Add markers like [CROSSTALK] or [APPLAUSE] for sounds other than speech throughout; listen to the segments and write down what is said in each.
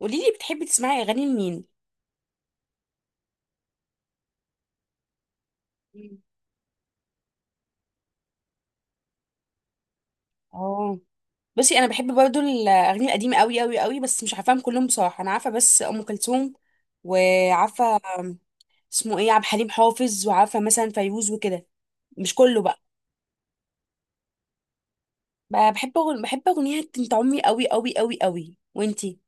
قولي لي بتحبي تسمعي اغاني لمين؟ مم. اه، بصي انا بحب برضو الاغاني القديمه قوي قوي قوي، بس مش عارفاهم كلهم بصراحه. انا عارفه بس ام كلثوم وعارفه اسمه ايه عبد الحليم حافظ، وعارفه مثلا فيروز وكده. مش كله بقى. بحب بحب اغنيه انت عمي قوي قوي قوي قوي. وانتي؟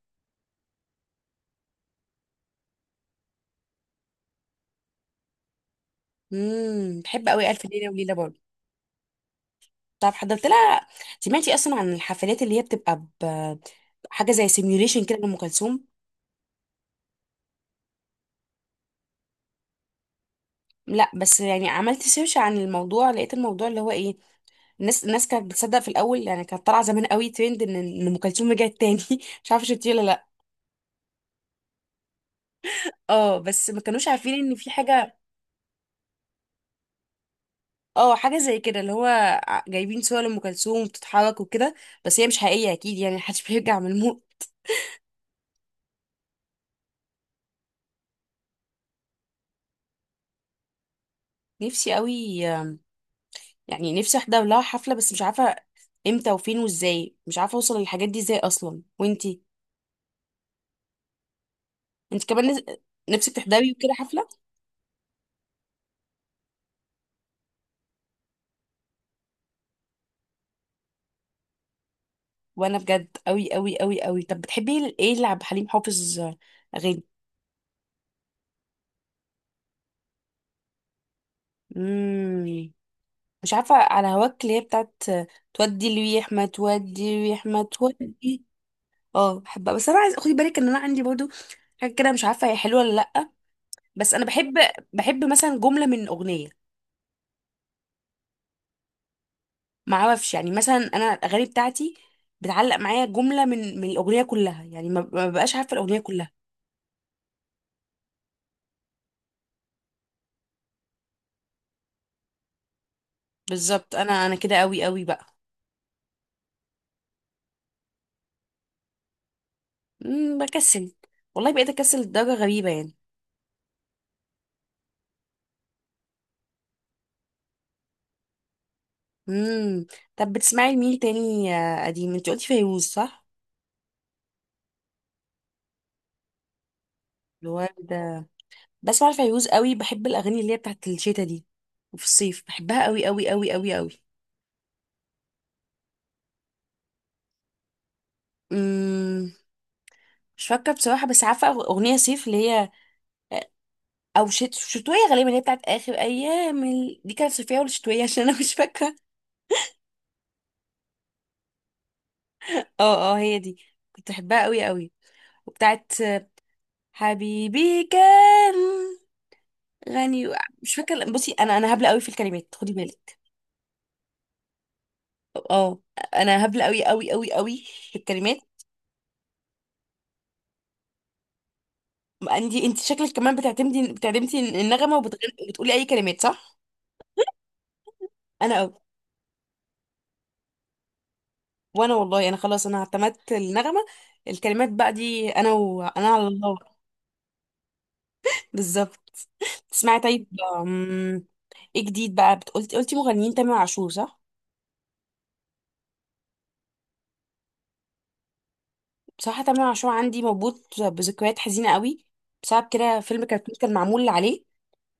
بحب قوي الف ليله وليله برضو. طب حضرت لها؟ سمعتي اصلا عن الحفلات اللي هي بتبقى حاجه زي سيميوليشن كده لام كلثوم؟ لا، بس يعني عملت سيرش عن الموضوع، لقيت الموضوع اللي هو ايه، الناس كانت بتصدق في الاول. يعني كانت طالعه زمان قوي ترند ان ام كلثوم رجعت تاني. [LAUGHS] مش عارفه شفتيه ولا لا. اه، بس ما كانوش عارفين ان في حاجه. اه، حاجه زي كده اللي هو جايبين صور لام كلثوم بتتحرك وكده، بس هي مش حقيقيه اكيد يعني. [LAUGHS] محدش بيرجع من الموت. نفسي قوي. يعني نفسي احضر لها حفله، بس مش عارفه امتى وفين وازاي. مش عارفه اوصل للحاجات دي ازاي اصلا. وانتي؟ انت كمان نفسك تحضري وكده حفله؟ وانا بجد قوي قوي قوي قوي. طب بتحبي ايه اللي عبد الحليم حافظ اغاني؟ امم مش عارفه على هواك اللي هي بتاعت تودي الريح ما تودي الريح ما تودي. اه، بحبها. بس انا عايز خدي بالك ان انا عندي برضو حاجه كده، مش عارفه هي حلوه ولا لا، بس انا بحب. بحب مثلا جمله من اغنيه. ما اعرفش يعني، مثلا انا الاغاني بتاعتي بتعلق معايا جمله من الاغنيه كلها. يعني ما ببقاش عارفه الاغنيه كلها. بالظبط، انا كده قوي قوي بقى. بكسل والله، بقيت اكسل لدرجة غريبة يعني. امم. طب بتسمعي لمين تاني يا قديم؟ انت قلتي فيروز صح؟ الواد ده بسمع فيروز قوي. بحب الاغاني اللي هي بتاعت الشتا دي، وفي الصيف بحبها قوي قوي قوي قوي قوي. امم مش فاكرة بصراحة، بس عارفة أغنية صيف اللي هي أو شتوية غالبا، اللي هي بتاعت آخر أيام دي كانت صيفية ولا شتوية؟ [LAUGHS] عشان أنا مش فاكرة. اه اه، هي دي. كنت بحبها قوي قوي. وبتاعت حبيبي كان غني مش فاكره. بصي، انا هبله قوي في الكلمات، خدي بالك. اه، انا هبله قوي قوي قوي قوي في الكلمات. عندي انت شكلك كمان بتعتمدي النغمه وبتغني وبتقولي اي كلمات صح؟ انا قوي. وانا والله انا خلاص، انا اعتمدت النغمه، الكلمات بقى دي انا وانا على الله. بالظبط. تسمعي طيب؟ أم، ايه جديد بقى قلتي قلتي مغنيين تامر عاشور صح؟ بصراحه تامر عاشور عندي مربوط بذكريات حزينه قوي، بسبب كده فيلم كرتون كان معمول عليه،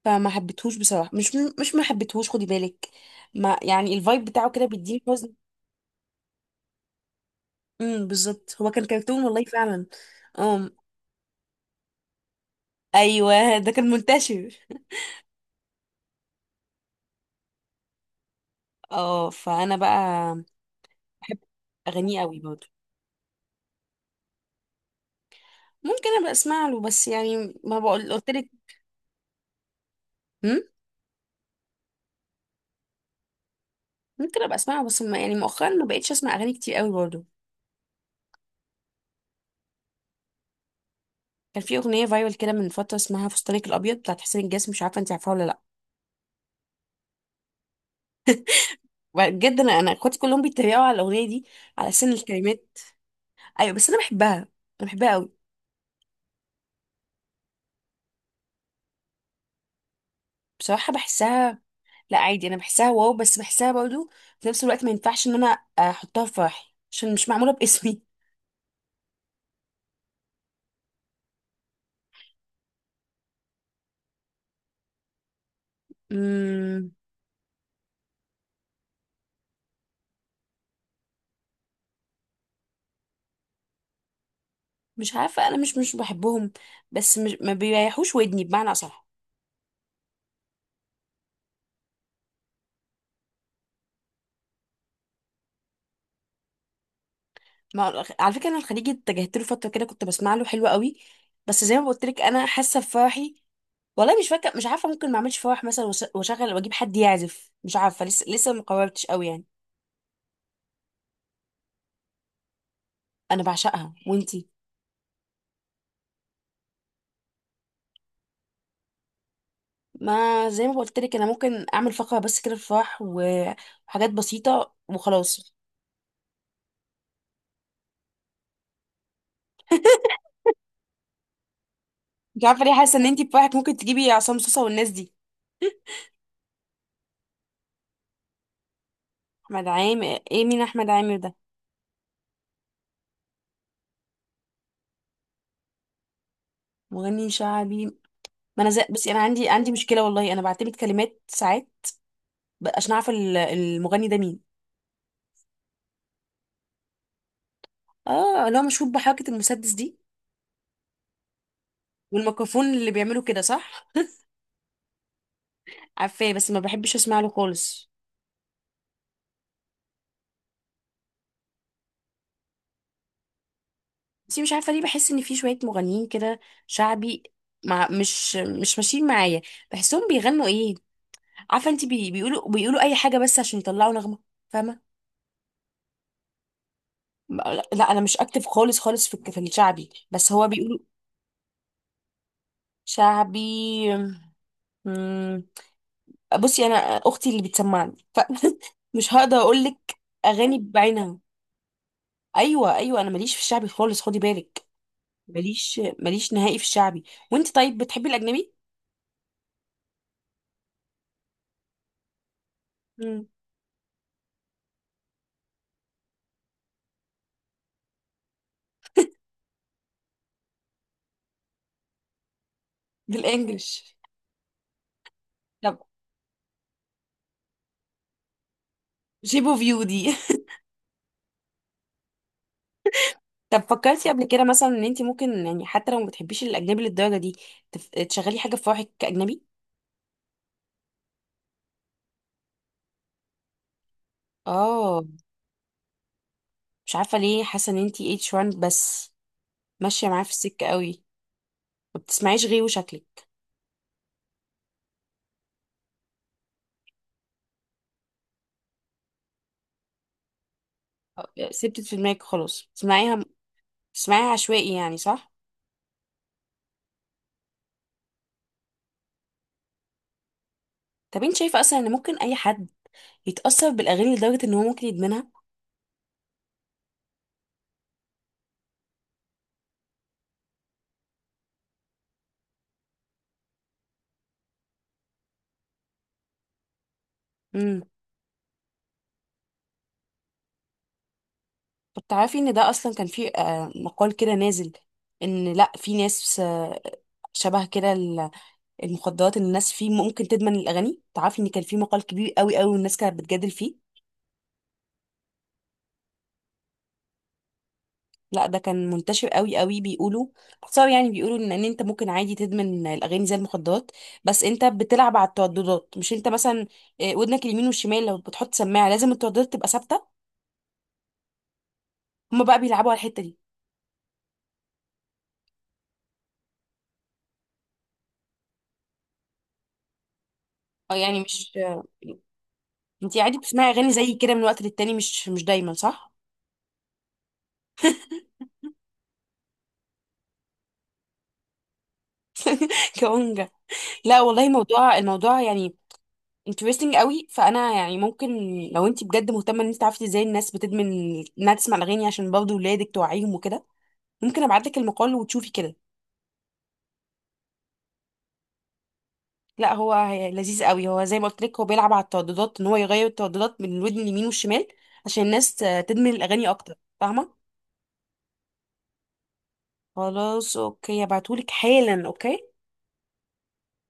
فما حبيتهوش بصراحه. مش مش ما حبيتهوش خدي بالك، ما يعني الفايب بتاعه كده بيديني حزن. بالظبط، هو كان كرتون والله فعلا. امم. ايوه، ده كان منتشر. اه، فانا بقى بحب اغانيه قوي برضه. ممكن ابقى اسمع له، بس يعني ما بقول، قلت لك. ممكن ابقى اسمعه، بس ما يعني مؤخرا ما بقتش اسمع اغاني كتير قوي برضه. كان في اغنيه فايرال كده من فتره، اسمها فستانك الابيض بتاعت حسين الجسمي. مش عارفه انت عارفاها ولا لا. بجد انا، انا اخواتي كلهم بيتريقوا على الاغنيه دي على سن الكلمات. ايوه، بس انا بحبها. انا بحبها قوي. بصراحه بحسها، لا عادي، انا بحسها واو، بس بحسها برضو في نفس الوقت. ما ينفعش ان انا احطها في فرحي عشان مش معموله باسمي. امم، مش عارفه، انا مش مش بحبهم. بس مش ما بيريحوش ودني بمعنى اصح. ما على فكره، انا الخليجي اتجهت له فتره كده، كنت بسمع له حلو قوي. بس زي ما قلت لك، انا حاسه بفرحي والله، مش فاكره. مش عارفه، ممكن ما اعملش فرح مثلا واشغل واجيب حد يعزف، مش عارفه. لسه ما قررتش قوي يعني. انا بعشقها. وانتي؟ ما زي ما قلت لك، انا ممكن اعمل فقره بس كده بفرح وحاجات بسيطه وخلاص. مش عارفه ليه حاسه ان انتي بفرحك ممكن تجيبي عصام صوصه والناس دي. احمد عامر؟ ايه مين احمد عامر ده؟ مغني شعبي. ما انا زي... بس انا عندي عندي مشكله والله، انا بعتمد كلمات ساعات عشان اعرف المغني ده مين. اه اللي هو مشهور بحركه المسدس دي والميكروفون اللي بيعملوا كده صح؟ عارفاه بس ما بحبش اسمع له خالص. بس مش عارفه ليه بحس ان في شويه مغنيين كده شعبي مع مش مش ماشيين معايا. بحسهم بيغنوا ايه؟ عارفه انت، بي بيقولوا اي حاجه بس عشان يطلعوا نغمه، فاهمه؟ لا انا مش اكتف خالص خالص في في الشعبي، بس هو بيقولوا شعبي. مم، بصي انا اختي اللي بتسمعني، فمش [LAUGHS] هقدر اقول لك اغاني بعينها. ايوه ايوه، انا ماليش في الشعبي خالص خدي بالك. ماليش ماليش نهائي في الشعبي. وانت طيب، بتحبي الاجنبي؟ امم بالانجلش، شيبو فيو دي. [LAUGHS] طب فكرتي قبل كده مثلا ان انت ممكن يعني، حتى لو ما بتحبيش الاجنبي للدرجه دي، تشغلي حاجه في فرحك كاجنبي؟ اه، مش عارفه ليه حاسه ان انت اتش 1 بس ماشيه معاه في السكه قوي. ما بتسمعيش غيره شكلك. سبتت في دماغك خلاص، تسمعيها. تسمعيها عشوائي يعني صح؟ طب انت شايفه اصلا ان ممكن اي حد يتاثر بالاغاني لدرجه ان هو ممكن يدمنها؟ امم. طب تعرفي ان ده اصلا كان في مقال كده نازل، ان لا في ناس شبه كده المخدرات، ان الناس فيه ممكن تدمن الاغاني؟ تعرفي ان كان في مقال كبير قوي قوي والناس كانت بتجادل فيه؟ لا ده كان منتشر قوي قوي. بيقولوا باختصار يعني، بيقولوا ان انت ممكن عادي تدمن الاغاني زي المخدرات، بس انت بتلعب على الترددات. مش انت مثلا ودنك اليمين والشمال، لو بتحط سماعه لازم الترددات تبقى ثابته؟ هما بقى بيلعبوا على الحته دي. اه، يعني مش انت عادي بتسمعي اغاني زي كده من وقت للتاني، مش مش دايما صح؟ [LAUGHS] كونجا. لا والله، الموضوع يعني انترستنج قوي، فانا يعني ممكن، لو انت بجد مهتمه ان انت تعرفي ازاي الناس بتدمن انها تسمع الاغاني، عشان برضه ولادك توعيهم وكده، ممكن ابعت لك المقال وتشوفي كده. لا هو لذيذ قوي. هو زي ما قلت لك، هو بيلعب على الترددات، ان هو يغير الترددات من الودن اليمين والشمال، عشان الناس تدمن الاغاني اكتر، فاهمه؟ خلاص اوكي، ابعتهولك حالا. اوكي.